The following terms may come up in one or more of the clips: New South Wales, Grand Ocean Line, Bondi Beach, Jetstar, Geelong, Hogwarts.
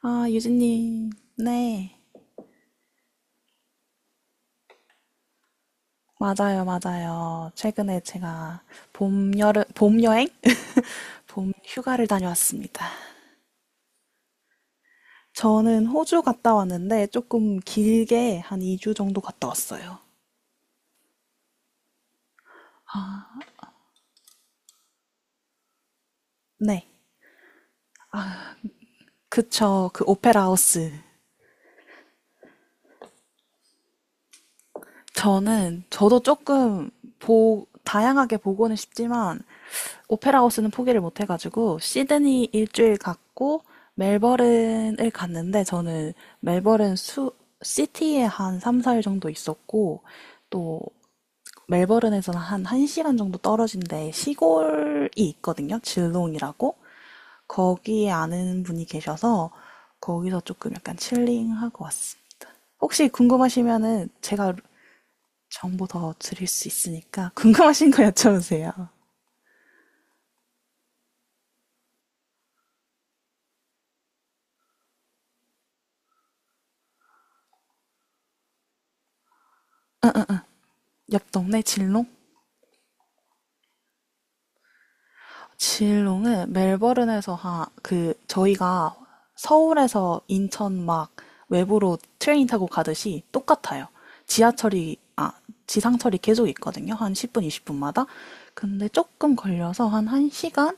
아, 유진님. 네. 맞아요, 맞아요. 최근에 제가 봄, 여름, 봄 여행? 봄 휴가를 다녀왔습니다. 저는 호주 갔다 왔는데 조금 길게 한 2주 정도 갔다 왔어요. 네. 그쵸. 그 오페라 하우스. 저도 조금 다양하게 보고는 싶지만 오페라 하우스는 포기를 못 해가지고 시드니 일주일 갔고 멜버른을 갔는데 저는 멜버른 수 시티에 한 3, 4일 정도 있었고 또 멜버른에서는 한 1시간 정도 떨어진 데 시골이 있거든요. 질롱이라고. 거기에 아는 분이 계셔서 거기서 조금 약간 칠링하고 왔어요. 혹시 궁금하시면은 제가 정보 더 드릴 수 있으니까 궁금하신 거 여쭤보세요. 옆 동네 질롱? 진롱은 멜버른에서 그, 저희가 서울에서 인천 막 외부로 트레인 타고 가듯이 똑같아요. 지하철이, 아, 지상철이 계속 있거든요. 한 10분, 20분마다. 근데 조금 걸려서 한 1시간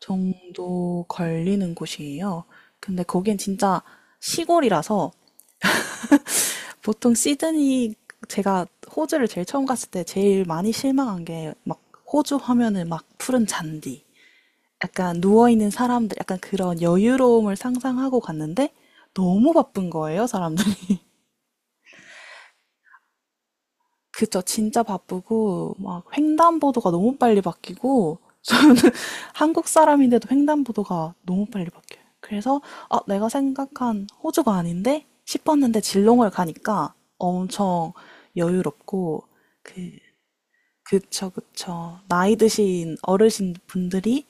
정도 걸리는 곳이에요. 근데 거긴 진짜 시골이라서 보통 시드니 제가 호주를 제일 처음 갔을 때 제일 많이 실망한 게 막 호주 하면은 막 푸른 잔디, 약간 누워있는 사람들, 약간 그런 여유로움을 상상하고 갔는데 너무 바쁜 거예요, 사람들이. 그쵸, 진짜 바쁘고 막 횡단보도가 너무 빨리 바뀌고 저는 한국 사람인데도 횡단보도가 너무 빨리 바뀌어요. 그래서 아, 내가 생각한 호주가 아닌데 싶었는데 질롱을 가니까 엄청 여유롭고, 그 그쵸, 그쵸. 나이 드신 어르신 분들이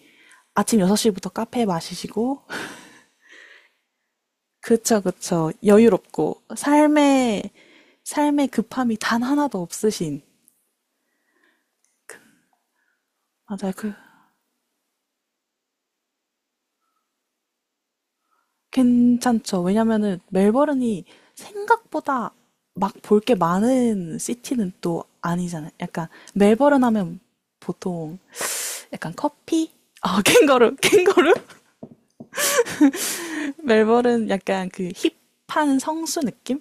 아침 6시부터 카페 마시시고. 그쵸, 그쵸. 여유롭고, 삶의 급함이 단 하나도 없으신. 맞아요. 괜찮죠. 왜냐면은 멜버른이 생각보다 막 볼 게 많은 시티는 또 아니잖아요. 약간, 멜버른 하면 보통 약간 커피? 어, 캥거루, 캥거루? 멜버른 약간 그 힙한 성수 느낌?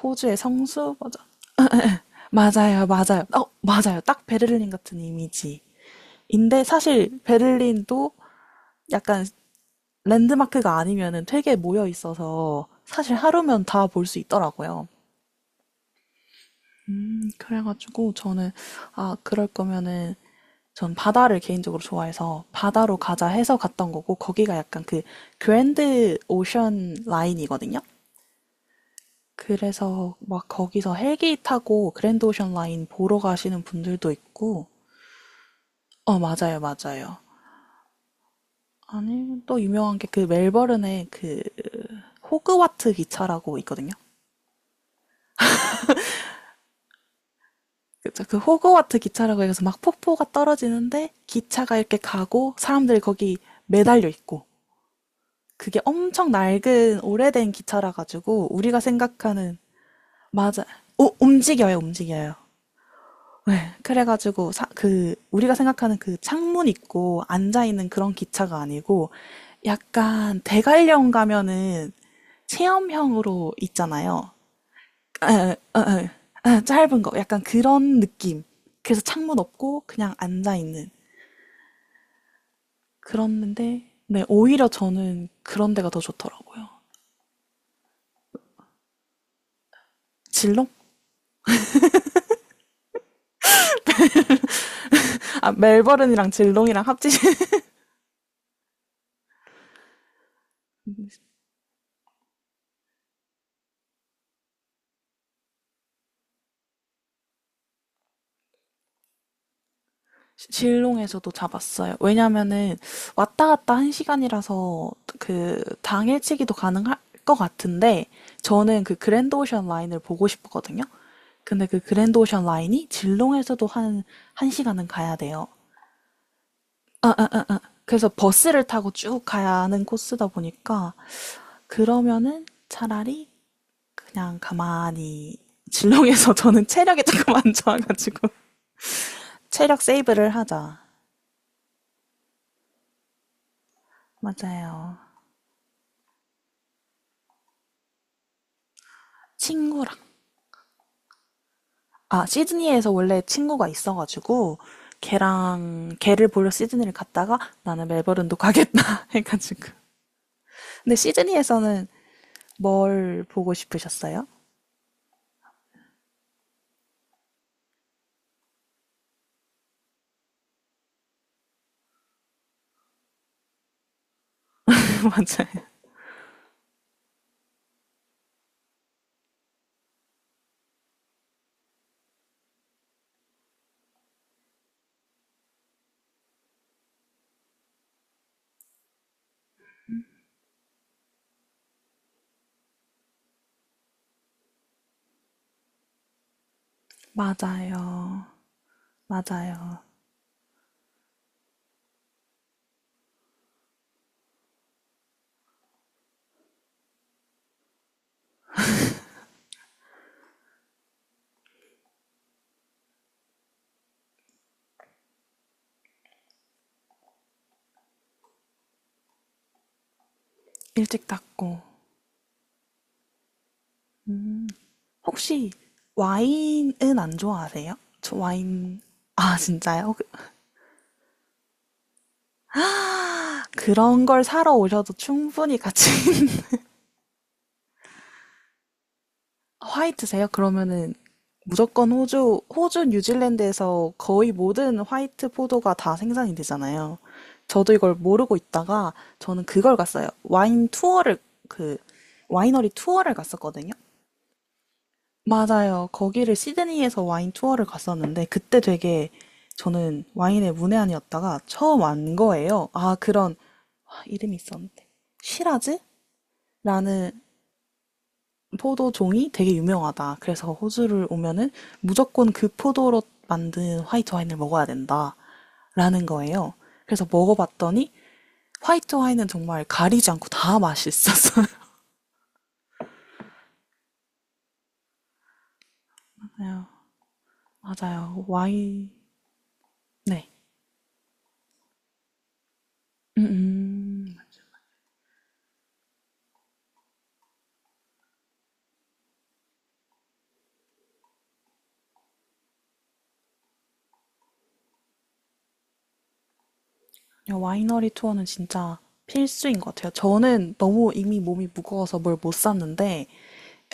호주의 성수? 맞아. 맞아요, 맞아요. 어, 맞아요. 딱 베를린 같은 이미지. 인데 사실 베를린도 약간 랜드마크가 아니면은 되게 모여 있어서 사실 하루면 다 볼 수 있더라고요. 그래가지고 저는, 아, 그럴 거면은 전 바다를 개인적으로 좋아해서 바다로 가자 해서 갔던 거고, 거기가 약간 그 그랜드 오션 라인이거든요. 그래서 막 거기서 헬기 타고 그랜드 오션 라인 보러 가시는 분들도 있고. 어, 맞아요, 맞아요. 아니, 또 유명한 게 그 멜버른에 그 호그와트 기차라고 있거든요. 그쵸. 그 호그와트 기차라고 해서 막 폭포가 떨어지는데 기차가 이렇게 가고 사람들이 거기 매달려 있고, 그게 엄청 낡은 오래된 기차라 가지고 우리가 생각하는. 맞아. 오, 움직여요, 움직여요. 네. 그래가지고 그 우리가 생각하는 그 창문 있고 앉아 있는 그런 기차가 아니고 약간 대관령 가면은 체험형으로 있잖아요. 아, 아, 아, 아, 짧은 거 약간 그런 느낌. 그래서 창문 없고 그냥 앉아 있는. 그랬는데 네, 오히려 저는 그런 데가 더 좋더라고요. 질롱? 아, 멜버른이랑 질롱이랑 합치신. 질롱에서도 잡았어요. 왜냐면은 왔다 갔다 한 시간이라서 그 당일치기도 가능할 것 같은데 저는 그 그랜드 오션 라인을 보고 싶었거든요. 근데 그 그랜드 오션 라인이 질롱에서도 한, 한 시간은 가야 돼요. 그래서 버스를 타고 쭉 가야 하는 코스다 보니까, 그러면은 차라리 그냥 가만히 진롱에서 저는 체력이 조금 안 좋아가지고 체력 세이브를 하자. 맞아요. 친구랑. 아, 시드니에서 원래 친구가 있어가지고 걔랑 걔를 보러 시드니를 갔다가 나는 멜버른도 가겠다 해가지고. 근데 시드니에서는 뭘 보고 싶으셨어요? 맞아요. 맞아요. 맞아요. 일찍 닦고. 음. 혹시 와인은 안 좋아하세요? 저 와인, 아, 진짜요? 그런 걸 사러 오셔도 충분히 가치는. 화이트세요? 그러면은 무조건 호주, 뉴질랜드에서 거의 모든 화이트 포도가 다 생산이 되잖아요. 저도 이걸 모르고 있다가, 저는 그걸 갔어요. 와인 투어를, 그 와이너리 투어를 갔었거든요. 맞아요. 거기를 시드니에서 와인 투어를 갔었는데 그때 되게, 저는 와인의 문외한이었다가 처음 안 거예요. 아, 그런. 아, 이름이 있었는데. 시라즈라는 포도종이 되게 유명하다, 그래서 호주를 오면은 무조건 그 포도로 만든 화이트 와인을 먹어야 된다라는 거예요. 그래서 먹어봤더니 화이트 와인은 정말 가리지 않고 다 맛있었어요. 맞아요. 맞아요. 와인. 네. 음, 와이너리 투어는 진짜 필수인 것 같아요. 저는 너무 이미 몸이 무거워서 뭘 못 샀는데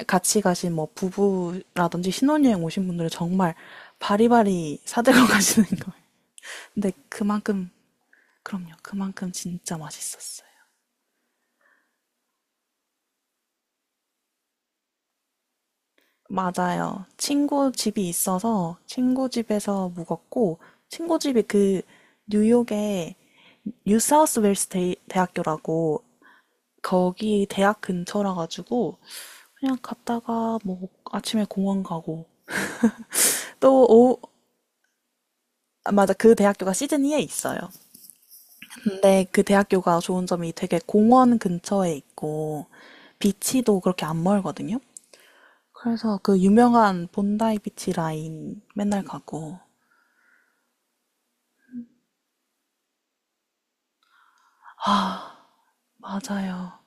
같이 가신 뭐 부부라든지 신혼여행 오신 분들은 정말 바리바리 사들고 가시는 거예요. 근데 그만큼. 그럼요. 그만큼 진짜 맛있었어요. 맞아요. 친구 집이 있어서 친구 집에서 묵었고, 친구 집이 그 뉴욕의 뉴사우스 웨일스 대학교라고, 거기 대학 근처라 가지고 그냥 갔다가, 뭐 아침에 공원 가고 또 오후. 아, 맞아. 그 대학교가 시드니에 있어요. 근데 그 대학교가 좋은 점이 되게 공원 근처에 있고 비치도 그렇게 안 멀거든요. 그래서 그 유명한 본다이 비치 라인 맨날 가고. 아, 맞아요.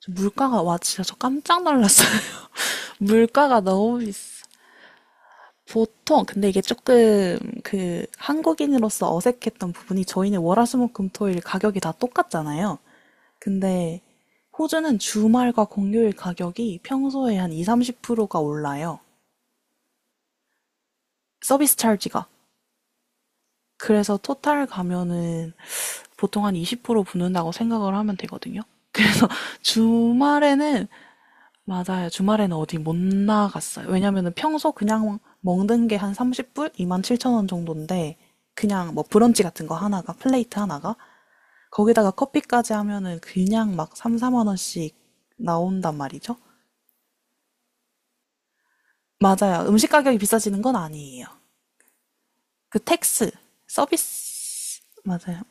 저 물가가, 와, 진짜 저 깜짝 놀랐어요. 물가가 너무 비싸. 보통, 근데 이게 조금 그 한국인으로서 어색했던 부분이, 저희는 월화수목금토일 가격이 다 똑같잖아요. 근데 호주는 주말과 공휴일 가격이 평소에 한 2, 30%가 올라요. 서비스 찰지가. 그래서 토탈 가면은 보통 한 20% 붙는다고 생각을 하면 되거든요. 그래서 주말에는. 맞아요. 주말에는 어디 못 나갔어요. 왜냐면은 평소 그냥 먹는 게 한 30불? 27,000원 정도인데 그냥 뭐 브런치 같은 거 하나가, 플레이트 하나가 거기다가 커피까지 하면은 그냥 막 3, 4만 원씩 나온단 말이죠. 맞아요. 음식 가격이 비싸지는 건 아니에요. 그 텍스, 서비스 맞아요.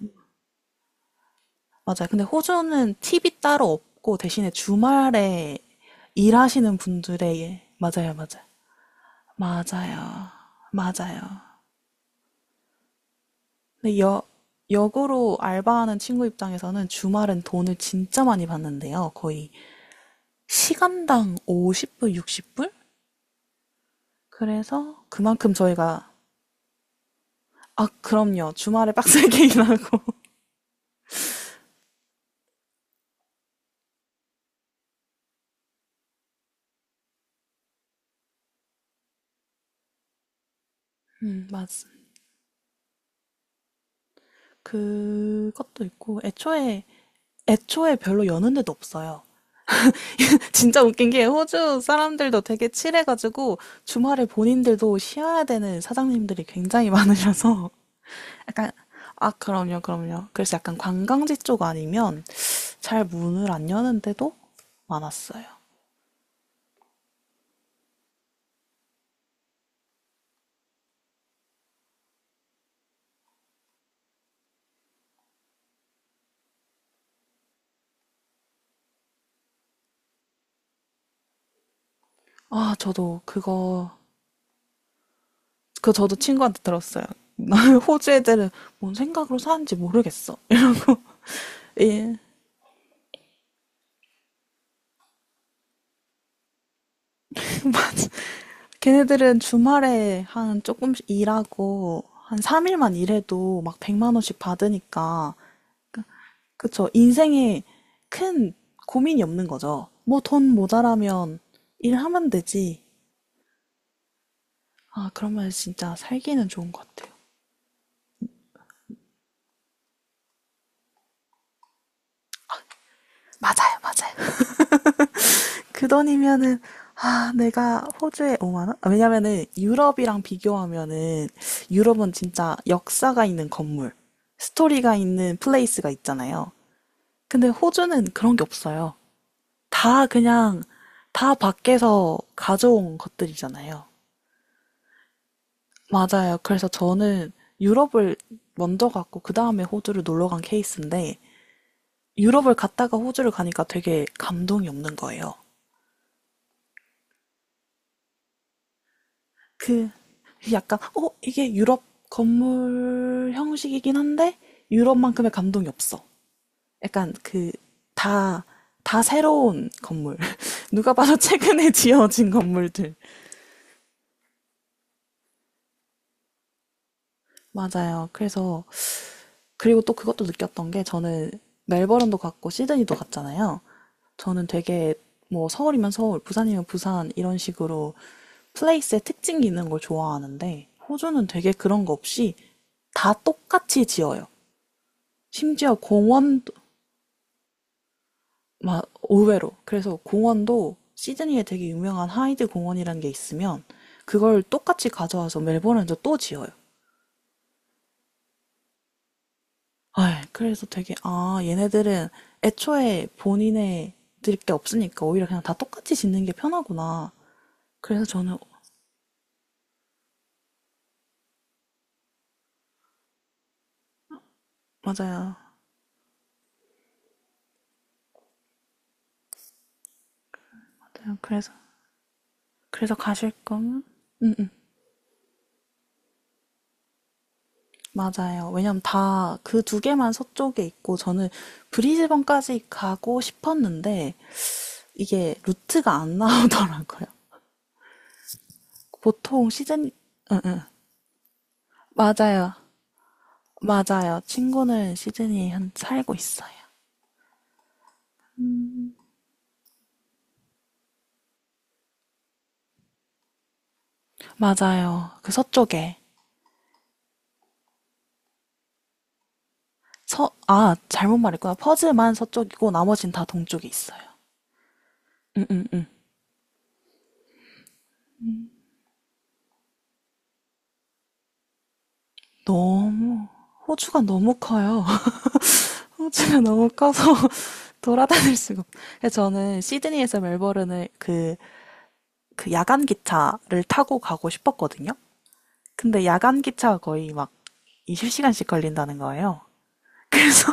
맞아요. 근데 호주는 팁이 따로 없고 대신에 주말에 일하시는 분들의. 맞아요, 맞아요. 맞아요. 맞아요. 근데 역으로 알바하는 친구 입장에서는 주말엔 돈을 진짜 많이 받는데요. 거의 시간당 50불, 60불? 그래서 그만큼 저희가. 아, 그럼요. 주말에 빡세게 일하고. 맞습니다. 그것도 있고 애초에 별로 여는 데도 없어요. 진짜 웃긴 게 호주 사람들도 되게 칠해가지고 주말에 본인들도 쉬어야 되는 사장님들이 굉장히 많으셔서 약간. 아, 그럼요, 그럼요. 그래서 약간 관광지 쪽 아니면 잘 문을 안 여는 데도 많았어요. 아 저도 그거 그 저도 친구한테 들었어요. 호주 애들은 뭔 생각으로 사는지 모르겠어. 예. 걔네들은 주말에 한 조금씩 일하고 한 3일만 일해도 막 100만 원씩 받으니까, 그 그쵸. 인생에 큰 고민이 없는 거죠. 뭐 돈 모자라면 일하면 되지. 아, 그러면 진짜 살기는 좋은 것 같아요. 맞아요, 맞아요. 그 돈이면은, 아, 내가 호주에 5만 원? 왜냐면은 유럽이랑 비교하면은 유럽은 진짜 역사가 있는 건물, 스토리가 있는 플레이스가 있잖아요. 근데 호주는 그런 게 없어요. 다 그냥 다 밖에서 가져온 것들이잖아요. 맞아요. 그래서 저는 유럽을 먼저 갔고 그 다음에 호주를 놀러 간 케이스인데, 유럽을 갔다가 호주를 가니까 되게 감동이 없는 거예요. 그 약간, 이게 유럽 건물 형식이긴 한데 유럽만큼의 감동이 없어. 약간 그 다 다 새로운 건물. 누가 봐도 최근에 지어진 건물들. 맞아요. 그래서, 그리고 또 그것도 느꼈던 게, 저는 멜버른도 갔고 시드니도 갔잖아요. 저는 되게 뭐 서울이면 서울, 부산이면 부산 이런 식으로 플레이스의 특징이 있는 걸 좋아하는데 호주는 되게 그런 거 없이 다 똑같이 지어요. 심지어 공원도, 막 의외로. 그래서 공원도 시드니에 되게 유명한 하이드 공원이라는 게 있으면 그걸 똑같이 가져와서 멜버른에서 또 지어요. 아, 그래서 되게, 아, 얘네들은 애초에 본인의 드릴 게 없으니까 오히려 그냥 다 똑같이 짓는 게 편하구나. 그래서 저는. 맞아요. 맞아요. 그래서 가실 거면? 응응. 맞아요. 왜냐면 다 그 두 개만 서쪽에 있고 저는 브리즈번까지 가고 싶었는데 이게 루트가 안 나오더라고요. 보통 시드니. 응, 응. 맞아요. 맞아요. 친구는 시드니에 살고 있어요. 맞아요. 그 서쪽에. 아, 잘못 말했구나. 퍼즈만 서쪽이고 나머진 다 동쪽에 있어요. 응, 응, 응. 너무, 호주가 너무 커요. 호주가 너무 커서 돌아다닐 수가 없. 그래서 저는 시드니에서 멜버른을, 그 야간 기차를 타고 가고 싶었거든요. 근데 야간 기차가 거의 막 20시간씩 걸린다는 거예요. 그래서,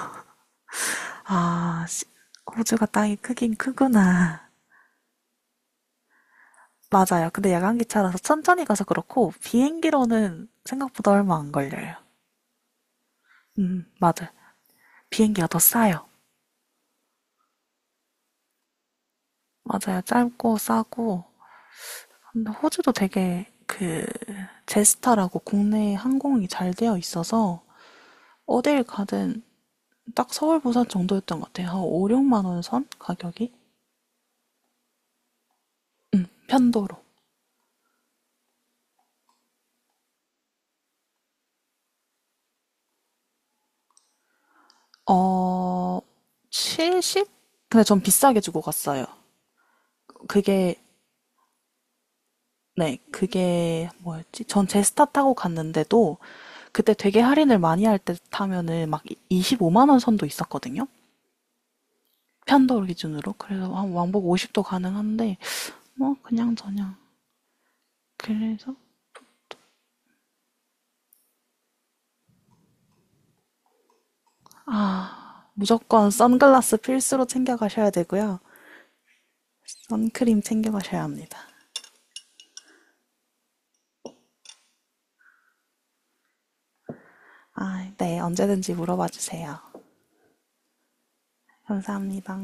아, 호주가 땅이 크긴 크구나. 맞아요. 근데 야간 기차라서 천천히 가서 그렇고, 비행기로는 생각보다 얼마 안 걸려요. 맞아요. 비행기가 더 싸요. 맞아요. 짧고 싸고. 근데 호주도 되게 그, 제스타라고 국내 항공이 잘 되어 있어서 어딜 가든 딱 서울, 부산 정도였던 것 같아요. 한 5, 6만 원 선? 가격이? 편도로. 어, 70? 근데 전 비싸게 주고 갔어요. 그게, 네, 그게 뭐였지? 전 제스타 타고 갔는데도, 그때 되게 할인을 많이 할 때 타면은 막 25만 원 선도 있었거든요. 편도로 기준으로. 그래서 한 왕복 50도 가능한데 뭐 그냥 저냥. 그래서, 아, 무조건 선글라스 필수로 챙겨 가셔야 되고요. 선크림 챙겨 가셔야 합니다. 아, 네, 언제든지 물어봐 주세요. 감사합니다.